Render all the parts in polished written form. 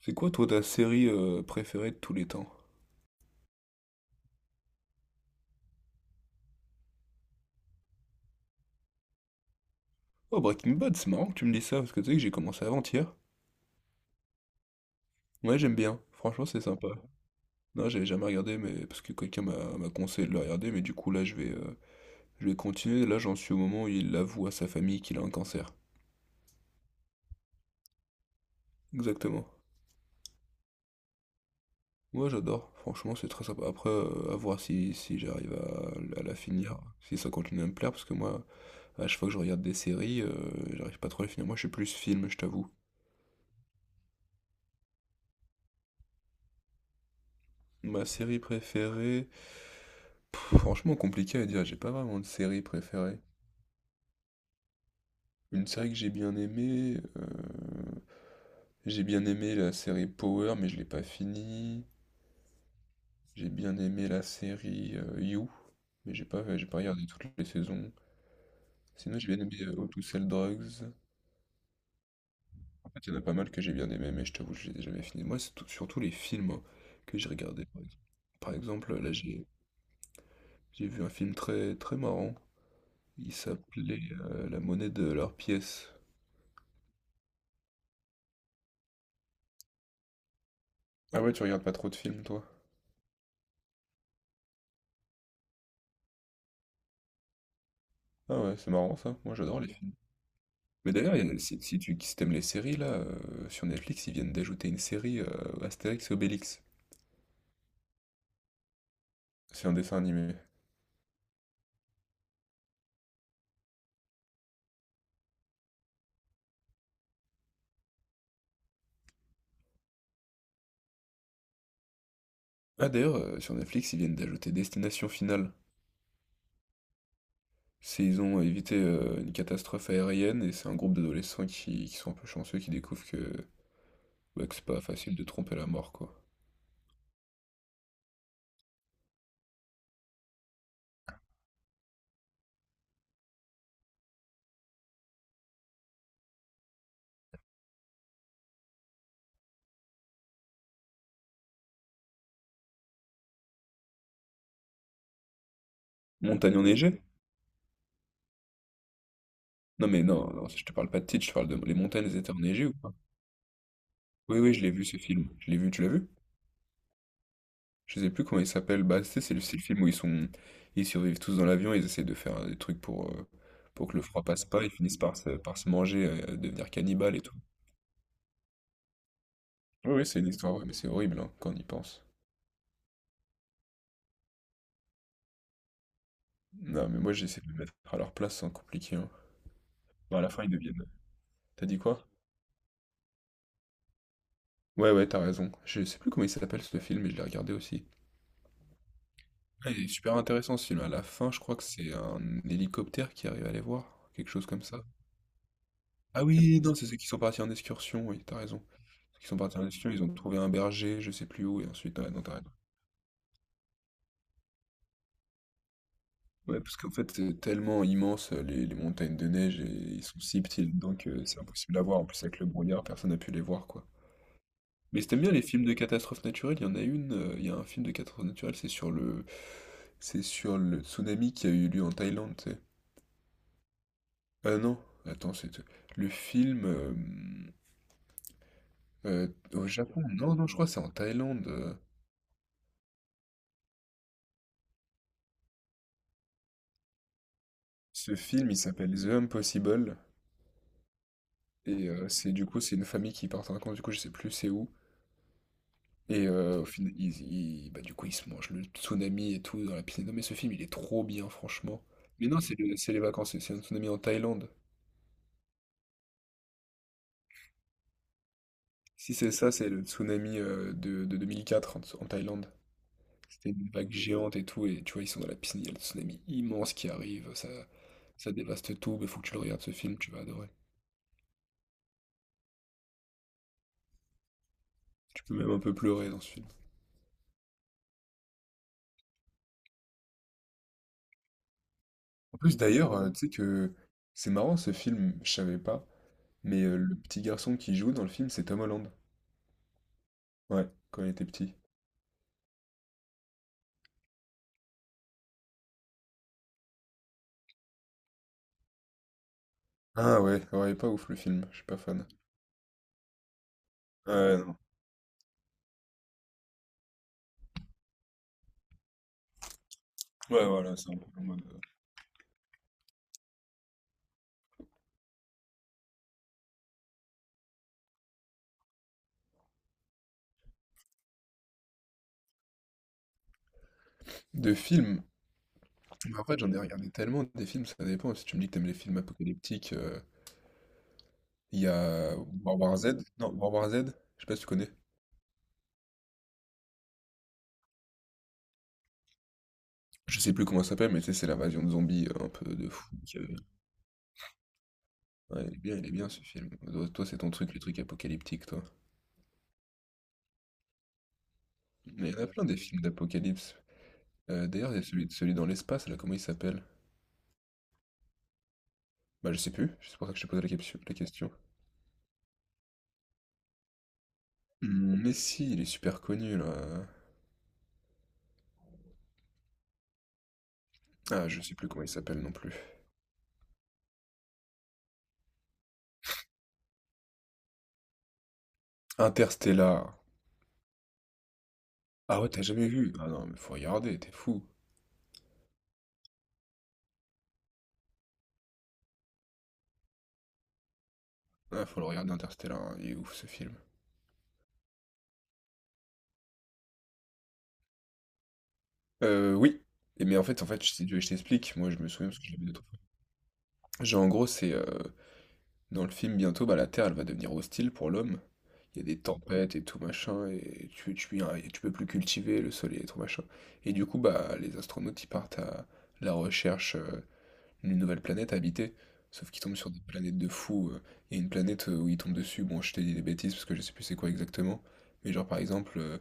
C'est quoi toi ta série préférée de tous les temps? Oh Breaking Bad, c'est marrant que tu me dis ça, parce que tu sais que j'ai commencé avant-hier. Ouais, j'aime bien, franchement c'est sympa. Non, j'avais jamais regardé mais parce que quelqu'un m'a conseillé de le regarder, mais du coup là je vais continuer. Là j'en suis au moment où il avoue à sa famille qu'il a un cancer. Exactement. Moi j'adore, franchement c'est très sympa. Après à voir si, si j'arrive à la finir, si ça continue à me plaire, parce que moi à chaque fois que je regarde des séries, j'arrive pas trop à les finir. Moi je suis plus film, je t'avoue. Ma série préférée. Pff, franchement, compliqué à dire, j'ai pas vraiment de série préférée. Une série que j'ai bien aimée, j'ai bien aimé la série Power, mais je l'ai pas finie. J'ai bien aimé la série You, mais j'ai pas regardé toutes les saisons. Sinon, j'ai bien aimé How to Sell Drugs. En fait, il y en a pas mal que j'ai bien aimé, mais je t'avoue, je les ai jamais finis. Moi, c'est surtout les films hein, que j'ai regardés, par exemple. Par exemple, là, j'ai vu un film très, très marrant. Il s'appelait La monnaie de leur pièce. Ah ouais, tu regardes pas trop de films, toi? Ah ouais, c'est marrant ça, moi j'adore les ouais, films. Mais d'ailleurs, il y en a- si, si tu si t'aimes les séries, là, sur Netflix, ils viennent d'ajouter une série Astérix et Obélix. C'est un dessin animé. Ah d'ailleurs, sur Netflix, ils viennent d'ajouter Destination Finale. C'est, ils ont évité une catastrophe aérienne et c'est un groupe d'adolescents qui sont un peu chanceux, qui découvrent que, bah, que c'est pas facile de tromper la mort, quoi. Montagne enneigée? Non mais non, non, je te parle pas de titre, je parle de: les montagnes étaient enneigées ou pas? Oui, oui, je l'ai vu ce film. Je l'ai vu, tu l'as vu? Je sais plus comment il s'appelle. Bah, tu sais, c'est le film où ils sont, ils survivent tous dans l'avion, ils essaient de faire des trucs pour que le froid passe pas, ils finissent par se manger, devenir cannibales et tout. Oui, oui, c'est une histoire, ouais, mais c'est horrible hein, quand on y pense. Non, mais moi j'essaie de me mettre à leur place sans compliquer, hein. Bah, à la fin, ils deviennent. T'as dit quoi? Ouais, ouais, t'as raison. Je sais plus comment il s'appelle ce film, mais je l'ai regardé aussi. Ah, il est super intéressant ce film. À la fin, je crois que c'est un hélicoptère qui arrive à les voir, quelque chose comme ça. Ah oui, non, c'est ceux qui sont partis en excursion, oui, t'as raison. Ils sont partis en Asie, ils ont trouvé un berger, je sais plus où, et ensuite, ouais, non, t'as raison. Ouais, parce qu'en fait, c'est tellement immense, les montagnes de neige, et ils sont si petits donc c'est impossible à voir. En plus, avec le brouillard, personne n'a pu les voir, quoi. Mais si t'aimes bien les films de catastrophes naturelles, il y a un film de catastrophe naturelle, c'est sur le... C'est sur le tsunami qui a eu lieu en Thaïlande, tu sais. Ah non, attends, c'est... Le film... euh, au Japon? Non, non, je crois que c'est en Thaïlande, Ce film, il s'appelle The Impossible. Et c'est du coup, c'est une famille qui part en vacances, du coup, je sais plus c'est où. Et au final, bah, du coup, ils se mangent le tsunami et tout dans la piscine. Non, mais ce film, il est trop bien, franchement. Mais non, c'est les vacances, c'est un tsunami en Thaïlande. Si c'est ça, c'est le tsunami de 2004 en, en Thaïlande. C'était une vague géante et tout, et tu vois, ils sont dans la piscine, il y a le tsunami immense qui arrive, ça dévaste tout, mais faut que tu le regardes ce film, tu vas adorer. Tu peux même un peu pleurer dans ce film. En plus, d'ailleurs, tu sais que c'est marrant ce film, je savais pas. Mais le petit garçon qui joue dans le film, c'est Tom Holland. Ouais, quand il était petit. Ah ouais, ouais, pas ouf le film, je suis pas fan. Ouais, non. Ouais, voilà, c'est un peu en mode, de films, mais en fait, j'en ai regardé tellement des films, ça dépend. Si tu me dis que t'aimes les films apocalyptiques, il y a World War Z. Non, World War Z, je sais pas si tu connais. Je sais plus comment ça s'appelle, mais tu sais, c'est l'invasion de zombies un peu de fou. Que... ouais, il est bien ce film. Toi, toi, c'est ton truc, le truc apocalyptique, toi. Mais il y en a plein des films d'apocalypse. D'ailleurs, il y a celui, celui dans l'espace, là, comment il s'appelle? Bah, je sais plus, c'est pour ça que je t'ai posé la la question. Mmh, mais si, il est super connu là. Ah, je sais plus comment il s'appelle non plus. Interstellar. Ah ouais, t'as jamais vu? Ah non, mais faut regarder, t'es fou. Ah, faut le regarder Interstellar, hein, il est ouf ce film. Oui. Et mais en fait, je t'explique, moi je me souviens parce que je l'ai vu d'autres fois. Genre en gros, c'est dans le film bientôt, bah, la Terre elle va devenir hostile pour l'homme. Il y a des tempêtes et tout machin, et et tu peux plus cultiver le soleil et tout machin. Et du coup, bah, les astronautes ils partent à la recherche, une nouvelle planète à habiter. Sauf qu'ils tombent sur des planètes de fous, il y a une planète où ils tombent dessus. Bon, je t'ai dit des bêtises parce que je sais plus c'est quoi exactement. Mais genre, par exemple,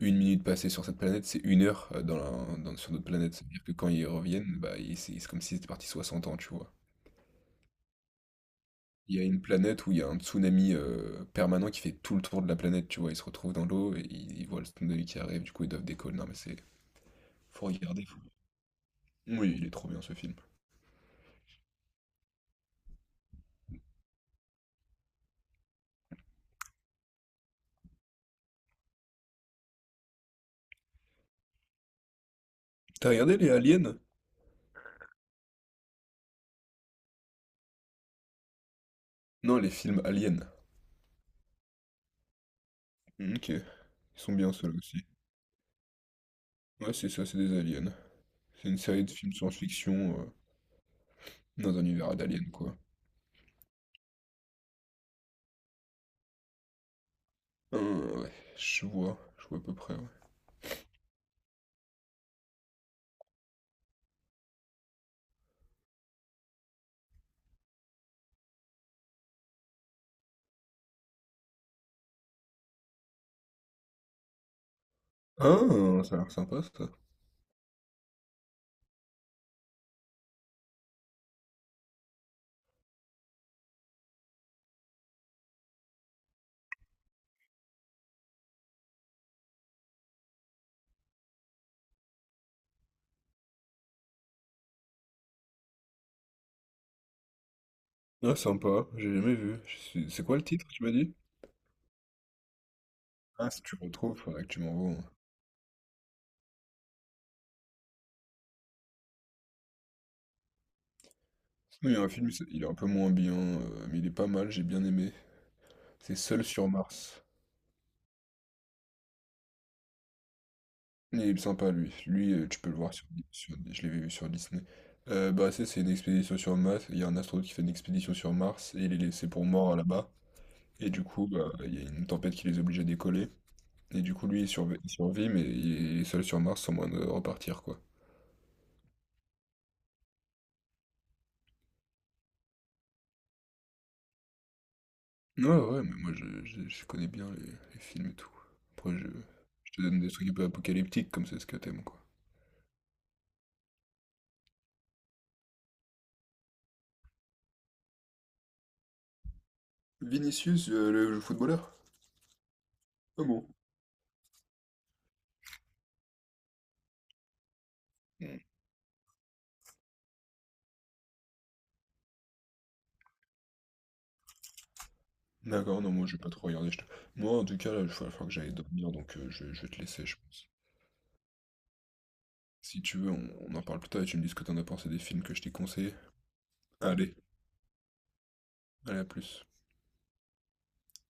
une minute passée sur cette planète, c'est une heure dans sur d'autres planètes. C'est-à-dire que quand ils reviennent, c'est comme s'ils étaient partis 60 ans, tu vois. Il y a une planète où il y a un tsunami permanent qui fait tout le tour de la planète, tu vois. Ils se retrouvent dans l'eau et ils voient le tsunami qui arrive, du coup ils doivent décoller. Non mais c'est... Faut regarder, faut... Oui, il est trop bien ce film. T'as regardé les aliens? Non, les films aliens. Ok. Ils sont bien ceux-là aussi. Ouais, c'est ça, c'est des aliens. C'est une série de films science-fiction dans un univers d'aliens, quoi. Ah ouais, je vois à peu près, ouais. Ah, ça a l'air sympa, ça. Ah, sympa, j'ai jamais vu. C'est quoi le titre, tu m'as dit? Ah, si tu le retrouves, faudrait que tu m'envoies, hein. Sinon, il y a un film, il est un peu moins bien, mais il est pas mal, j'ai bien aimé. C'est Seul sur Mars. Il est sympa lui. Lui, tu peux le voir sur je l'avais vu sur Disney. Bah, c'est une expédition sur Mars, il y a un astronaute qui fait une expédition sur Mars et il est laissé pour mort là-bas et du coup, bah, il y a une tempête qui les oblige à décoller et du coup, lui, il survit mais il est seul sur Mars sans moyen de repartir, quoi. Ouais, ouais, ouais, mais moi je connais bien les films et tout. Après je te donne des trucs un peu apocalyptiques comme c'est ce que t'aimes quoi. Vinicius, le footballeur? Ah bon? D'accord, non, moi je vais pas trop regarder, moi, en tout cas, là, il faut que j'aille dormir, donc je vais te laisser, je pense. Si tu veux, on en parle plus tard et tu me dis ce que t'en as pensé des films que je t'ai conseillés. Allez, allez, à plus.